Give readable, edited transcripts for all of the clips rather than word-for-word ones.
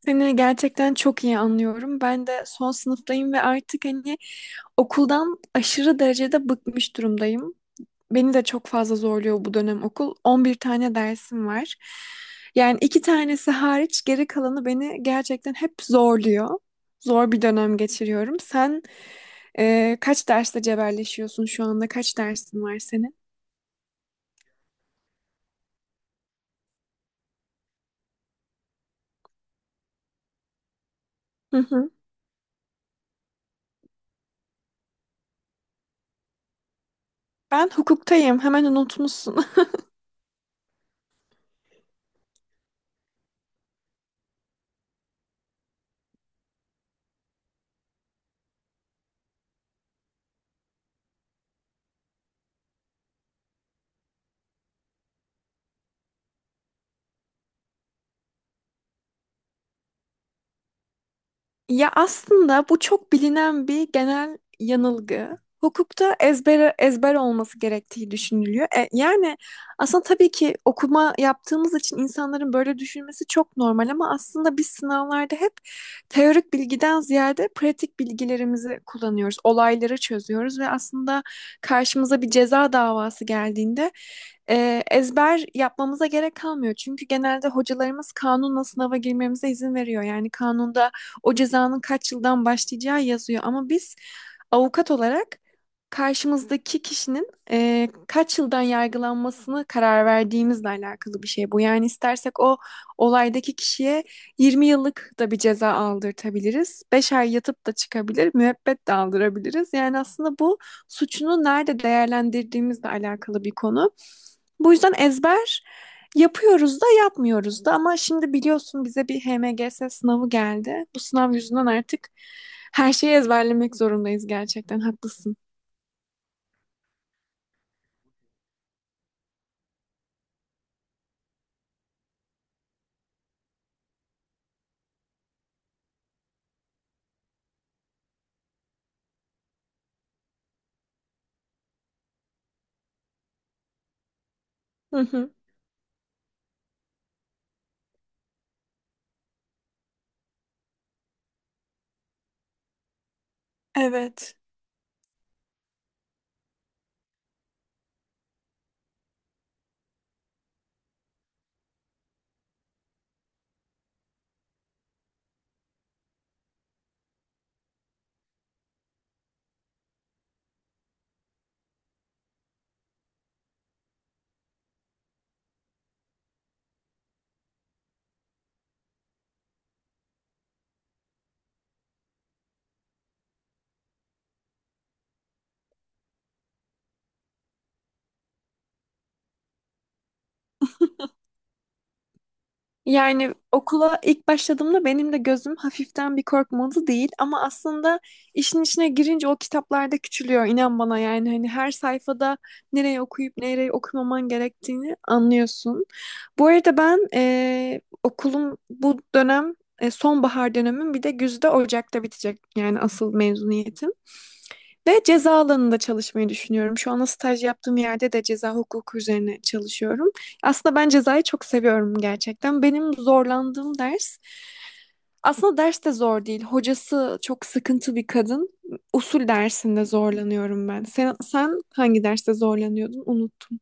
Seni gerçekten çok iyi anlıyorum. Ben de son sınıftayım ve artık hani okuldan aşırı derecede bıkmış durumdayım. Beni de çok fazla zorluyor bu dönem okul. 11 tane dersim var. Yani iki tanesi hariç geri kalanı beni gerçekten hep zorluyor. Zor bir dönem geçiriyorum. Sen kaç derste cebelleşiyorsun şu anda? Kaç dersin var senin? Hı hı. Ben hukuktayım. Hemen unutmuşsun. Ya aslında bu çok bilinen bir genel yanılgı. Hukukta ezber ezber olması gerektiği düşünülüyor. Yani aslında tabii ki okuma yaptığımız için insanların böyle düşünmesi çok normal ama aslında biz sınavlarda hep teorik bilgiden ziyade pratik bilgilerimizi kullanıyoruz. Olayları çözüyoruz ve aslında karşımıza bir ceza davası geldiğinde ezber yapmamıza gerek kalmıyor. Çünkü genelde hocalarımız kanunla sınava girmemize izin veriyor. Yani kanunda o cezanın kaç yıldan başlayacağı yazıyor. Ama biz avukat olarak karşımızdaki kişinin kaç yıldan yargılanmasını karar verdiğimizle alakalı bir şey bu. Yani istersek o olaydaki kişiye 20 yıllık da bir ceza aldırtabiliriz. 5 ay yatıp da çıkabilir, müebbet de aldırabiliriz. Yani aslında bu suçunu nerede değerlendirdiğimizle alakalı bir konu. Bu yüzden ezber yapıyoruz da yapmıyoruz da, ama şimdi biliyorsun bize bir HMGS sınavı geldi. Bu sınav yüzünden artık her şeyi ezberlemek zorundayız, gerçekten haklısın. Hı hı. Evet. Yani okula ilk başladığımda benim de gözüm hafiften bir korkmadı değil, ama aslında işin içine girince o kitaplarda küçülüyor inan bana, yani hani her sayfada nereye okuyup nereye okumaman gerektiğini anlıyorsun. Bu arada ben okulum bu dönem, sonbahar dönemim bir de güzde Ocak'ta bitecek yani asıl mezuniyetim. Ve ceza alanında çalışmayı düşünüyorum. Şu anda staj yaptığım yerde de ceza hukuku üzerine çalışıyorum. Aslında ben cezayı çok seviyorum gerçekten. Benim zorlandığım ders aslında ders de zor değil. Hocası çok sıkıntı bir kadın. Usul dersinde zorlanıyorum ben. Sen, sen hangi derste zorlanıyordun? Unuttum.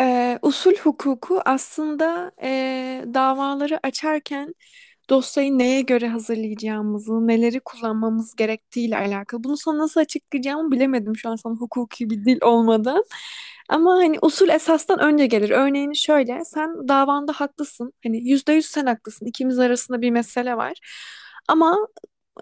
Usul hukuku aslında davaları açarken dosyayı neye göre hazırlayacağımızı, neleri kullanmamız gerektiğiyle alakalı. Bunu sana nasıl açıklayacağımı bilemedim şu an sana hukuki bir dil olmadan. Ama hani usul esastan önce gelir. Örneğini şöyle, sen davanda haklısın. Hani %100 sen haklısın. İkimiz arasında bir mesele var. Ama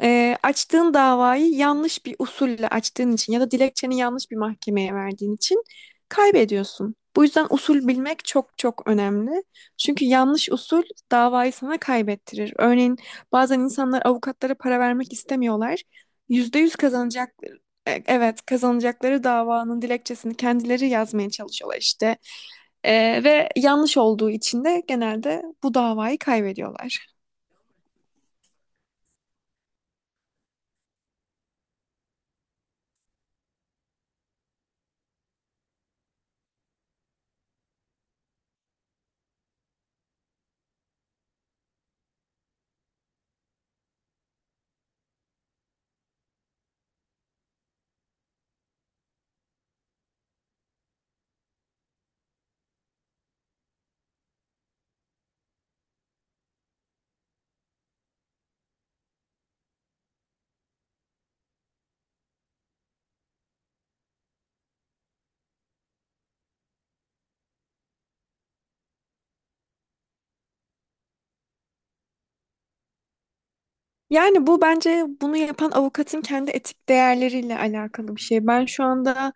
açtığın davayı yanlış bir usulle açtığın için ya da dilekçeni yanlış bir mahkemeye verdiğin için kaybediyorsun. Bu yüzden usul bilmek çok çok önemli. Çünkü yanlış usul davayı sana kaybettirir. Örneğin bazen insanlar avukatlara para vermek istemiyorlar. %100 kazanacak, evet kazanacakları davanın dilekçesini kendileri yazmaya çalışıyorlar işte. Ve yanlış olduğu için de genelde bu davayı kaybediyorlar. Yani bu bence bunu yapan avukatın kendi etik değerleriyle alakalı bir şey. Ben şu anda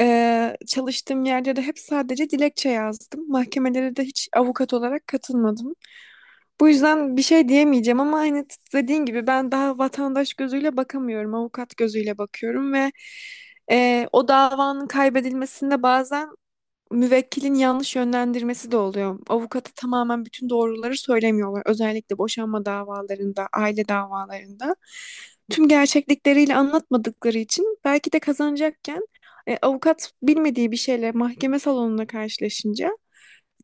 çalıştığım yerde de hep sadece dilekçe yazdım. Mahkemelere de hiç avukat olarak katılmadım. Bu yüzden bir şey diyemeyeceğim ama hani dediğin gibi ben daha vatandaş gözüyle bakamıyorum, avukat gözüyle bakıyorum ve o davanın kaybedilmesinde bazen müvekkilin yanlış yönlendirmesi de oluyor. Avukata tamamen bütün doğruları söylemiyorlar. Özellikle boşanma davalarında, aile davalarında. Tüm gerçeklikleriyle anlatmadıkları için belki de kazanacakken avukat bilmediği bir şeyle mahkeme salonuna karşılaşınca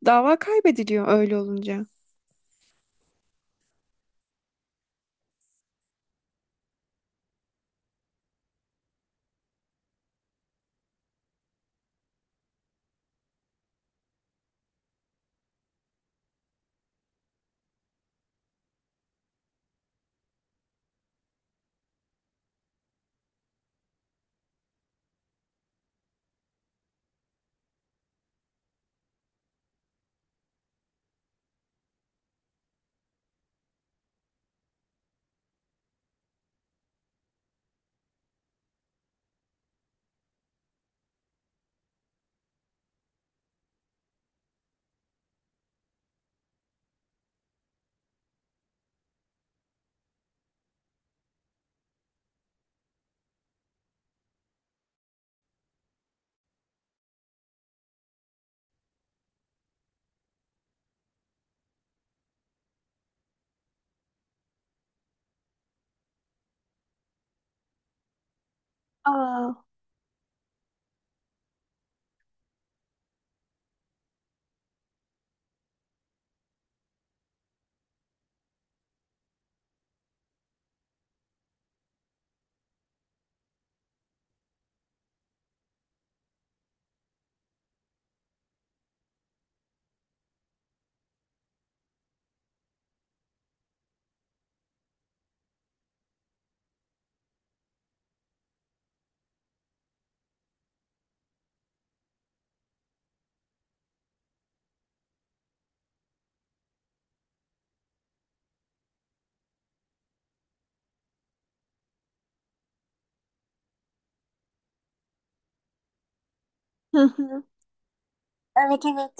dava kaybediliyor öyle olunca. Aa. Hı hı. Evet, evet.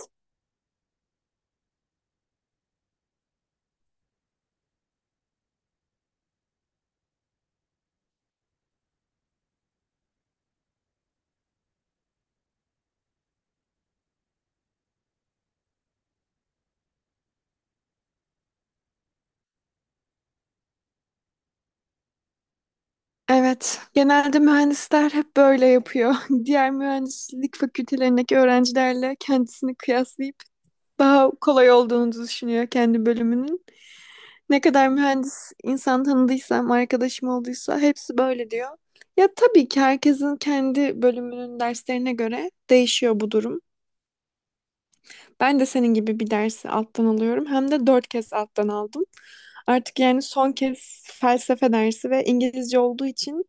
Evet, genelde mühendisler hep böyle yapıyor. Diğer mühendislik fakültelerindeki öğrencilerle kendisini kıyaslayıp daha kolay olduğunu düşünüyor kendi bölümünün. Ne kadar mühendis insan tanıdıysam, arkadaşım olduysa hepsi böyle diyor. Ya tabii ki herkesin kendi bölümünün derslerine göre değişiyor bu durum. Ben de senin gibi bir dersi alttan alıyorum. Hem de dört kez alttan aldım. Artık yani son kez felsefe dersi ve İngilizce olduğu için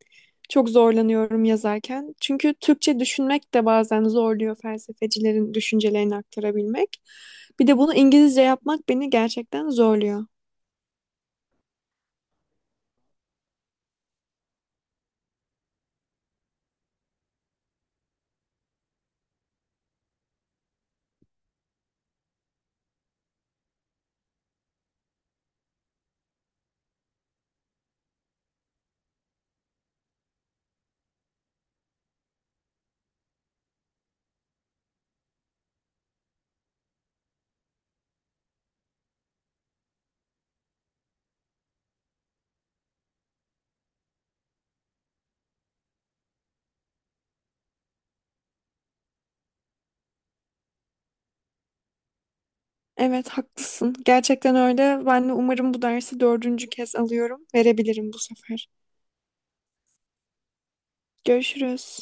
çok zorlanıyorum yazarken. Çünkü Türkçe düşünmek de bazen zorluyor felsefecilerin düşüncelerini aktarabilmek. Bir de bunu İngilizce yapmak beni gerçekten zorluyor. Evet, haklısın. Gerçekten öyle. Ben de umarım bu dersi dördüncü kez alıyorum. Verebilirim bu sefer. Görüşürüz.